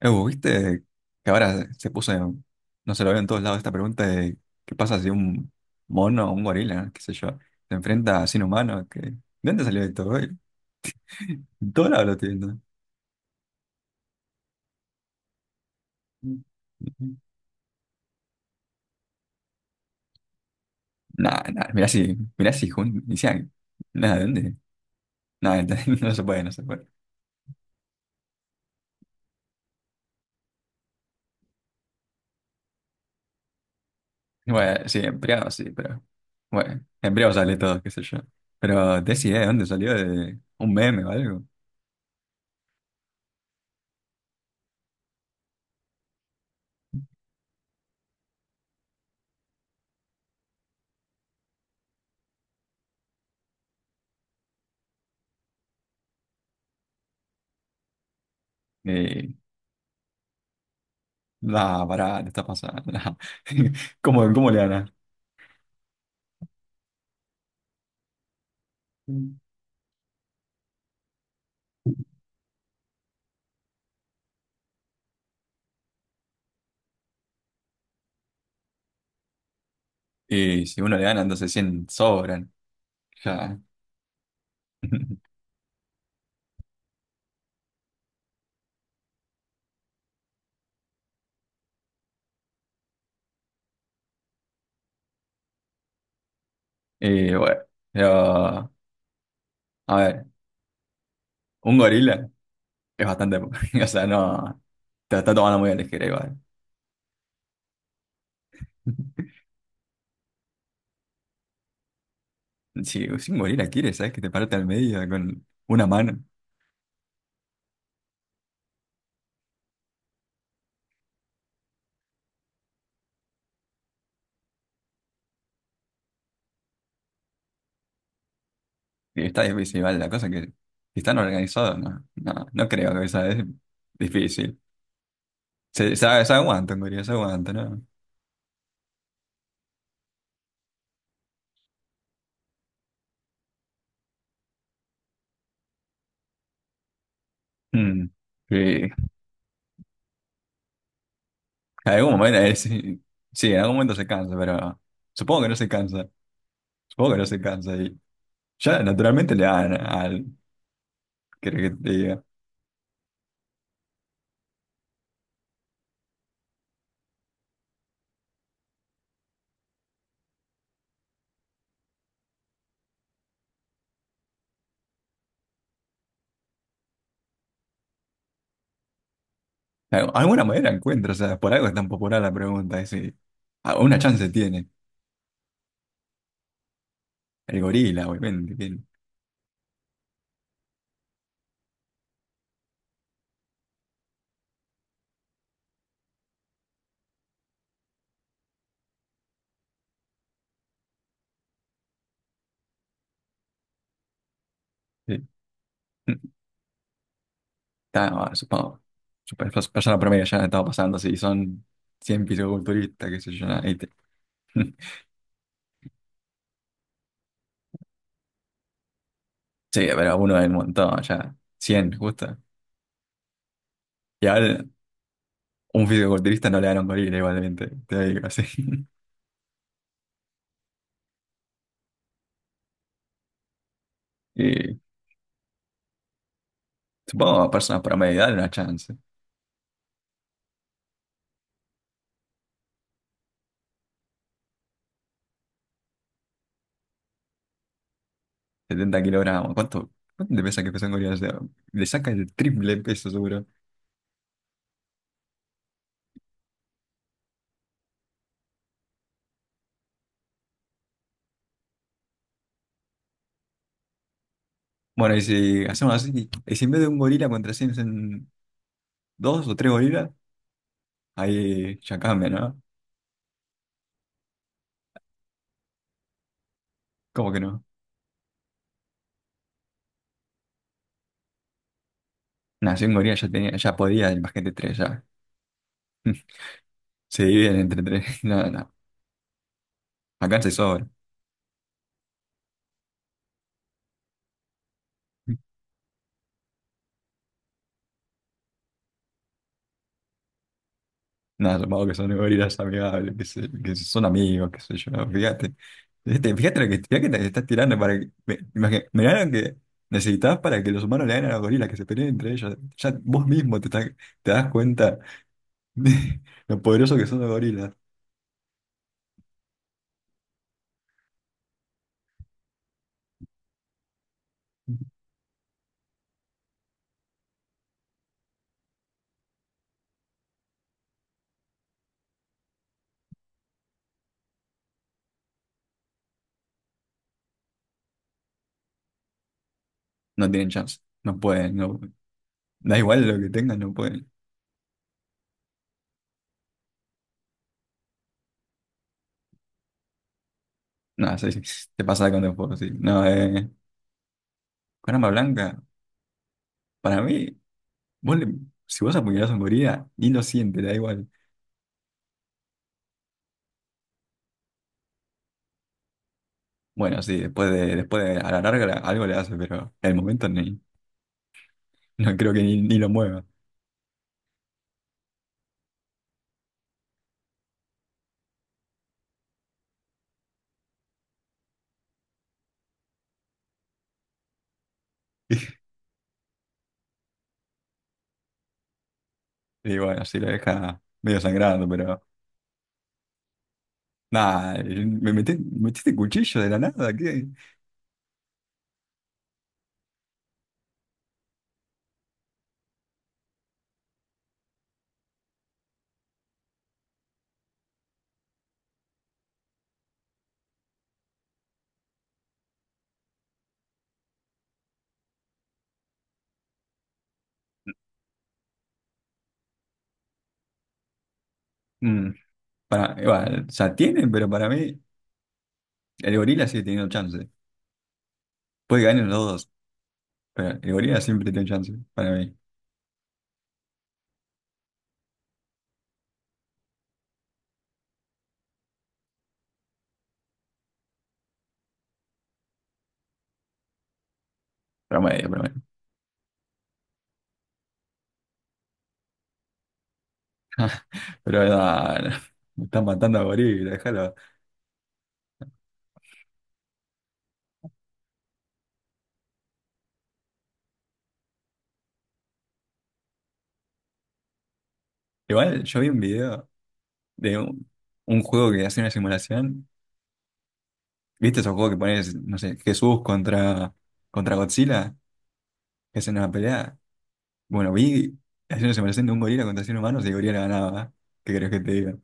Ew, ¿viste que ahora se puso, no se lo veo en todos lados esta pregunta de qué pasa si un mono o un gorila, qué sé yo, se enfrenta a sin humano? Que, ¿de dónde salió esto? ¿Eh? En todos lados lo estoy viendo. Nada, nada, mirá si inician. Nada, ¿de dónde? Nada, no se puede, no se puede. Bueno, sí, embriago sí, pero bueno, embriago sale todo, qué sé yo. Pero te idea de dónde salió, de un meme o algo. Eh, nada, pará, te está pasando. ¿Cómo le ganas? Mm. Y si uno le gana, entonces 100 sobran. Ya. Y bueno, pero, a ver, un gorila es bastante, o sea, no, te la está tomando muy a la ligera igual. Si un gorila quiere, ¿sabes? Que te parte al medio con una mano. Y está difícil, igual, la cosa que si están organizados, no, no, no creo que sea es difícil. Se aguanta un gorila, se aguanta, ¿no? Mm. Y en algún momento, sí sí, en algún momento se cansa, pero supongo que no se cansa. Supongo que no se cansa. Ya naturalmente le dan al. ¿Querés que te diga? Al- Alguna manera encuentra, o sea, por algo es tan popular la pregunta. Es, decir, ah, una chance tiene. El gorila, obviamente. Sí. Está, ah, supongo. Persona promedio ya estaba pasando, si son 100 fisiculturistas, qué sé yo. Nada, ¿viste? Sí, pero uno del montón, ya. 100 justo. Y ahora un fisiculturista no le dan a un gorila, igualmente. Te digo así. Y supongo a personas promedio, dale una chance. 70 kilogramos. ¿Cuánto, cuánto te pesa que pesan gorilas? O sea, le saca el triple peso seguro. Bueno, y si hacemos así, y si en vez de un gorila contra en dos o tres gorilas, ahí ya cambia, ¿no? ¿Cómo que no? Nada, si un gorila ya tenía, ya podía, imagínate tres, ya. Se dividen entre tres. No, no. Acá se sobra. Nada, supongo que son gorilas amigables, que, que son amigos, qué sé yo, fíjate. Fíjate, fíjate lo que, fíjate que te estás tirando para que. Mirá lo que necesitabas para que los humanos le ganen a los gorilas, que se peleen entre ellos. Ya vos mismo te, te das cuenta de lo poderosos que son los gorilas. No tienen chance, no pueden, no, da igual lo que tengan, no pueden. No, sí, sí, te pasa con el fuego, sí. No, con arma blanca, para mí, vos le- si vos apuñalás a un gorila, ni lo siente, le da igual. Bueno, sí, después de, a la larga algo le hace, pero en el momento ni, no creo que ni, ni lo mueva. Y bueno, sí lo deja medio sangrando, pero nada, metiste cuchillo de la nada, ¿qué? Mm, para, igual, o sea, tienen, pero para mí el gorila sigue teniendo chance. Puede ganar los dos, pero el gorila siempre tiene chance, para mí. Promedio, promedio. Pero nada, me están matando a gorila, déjalo. Igual yo vi un video de un juego que hace una simulación. ¿Viste esos juegos que pones, no sé, Jesús contra, contra Godzilla? Que hacen una pelea. Bueno, vi hacer una separación de un gorila contra 100 humanos y el gorila ganaba. ¿Eh? ¿Qué crees que te diga?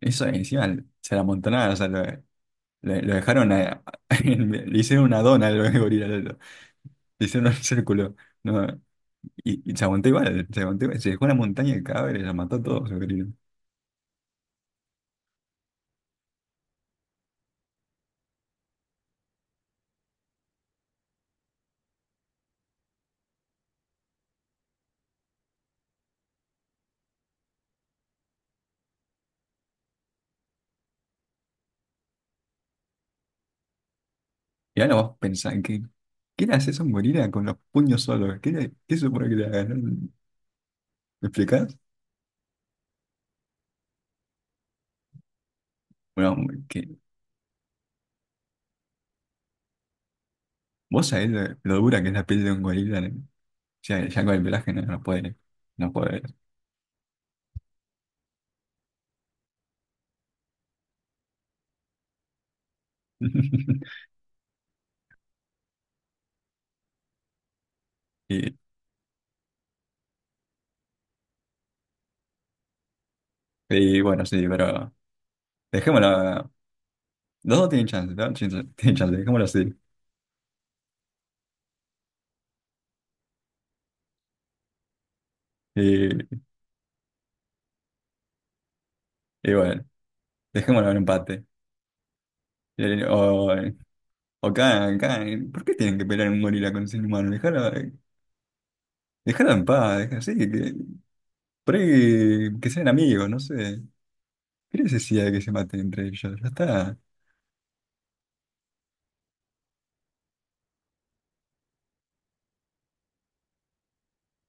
Eso encima se la amontonaron, o sea, lo dejaron, a- le hicieron una dona al gorila, le hicieron un círculo. No, y se aguantó igual, se aguantó igual. Se dejó una montaña de cadáveres, la mató a todos el gorila. Y ahora vos pensás, ¿qué, qué le haces a un gorila con los puños solos? ¿Qué, qué supone que le hagas? ¿No? ¿Me explicás? Bueno, vos sabés lo dura que es la piel de un gorila, ¿no? O sea, ya con el pelaje no, no puede, no puede. Y, y bueno, sí, pero dejémoslo. Los dos tienen chance, ¿no? Tienen tienen chance, dejémoslo así. Y, y bueno, dejémoslo en empate. Y- O, o cada, cada- ¿Por qué tienen que pelear un gorila con un ser humano? Dejarlo, dejarlo en paz, sí, que, por ahí que sean amigos, no sé. ¿Qué necesidad de que se maten entre ellos? Ya está.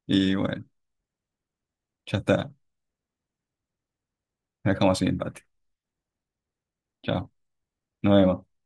Y bueno, ya está. Dejamos así el empate. Chao. Nos vemos.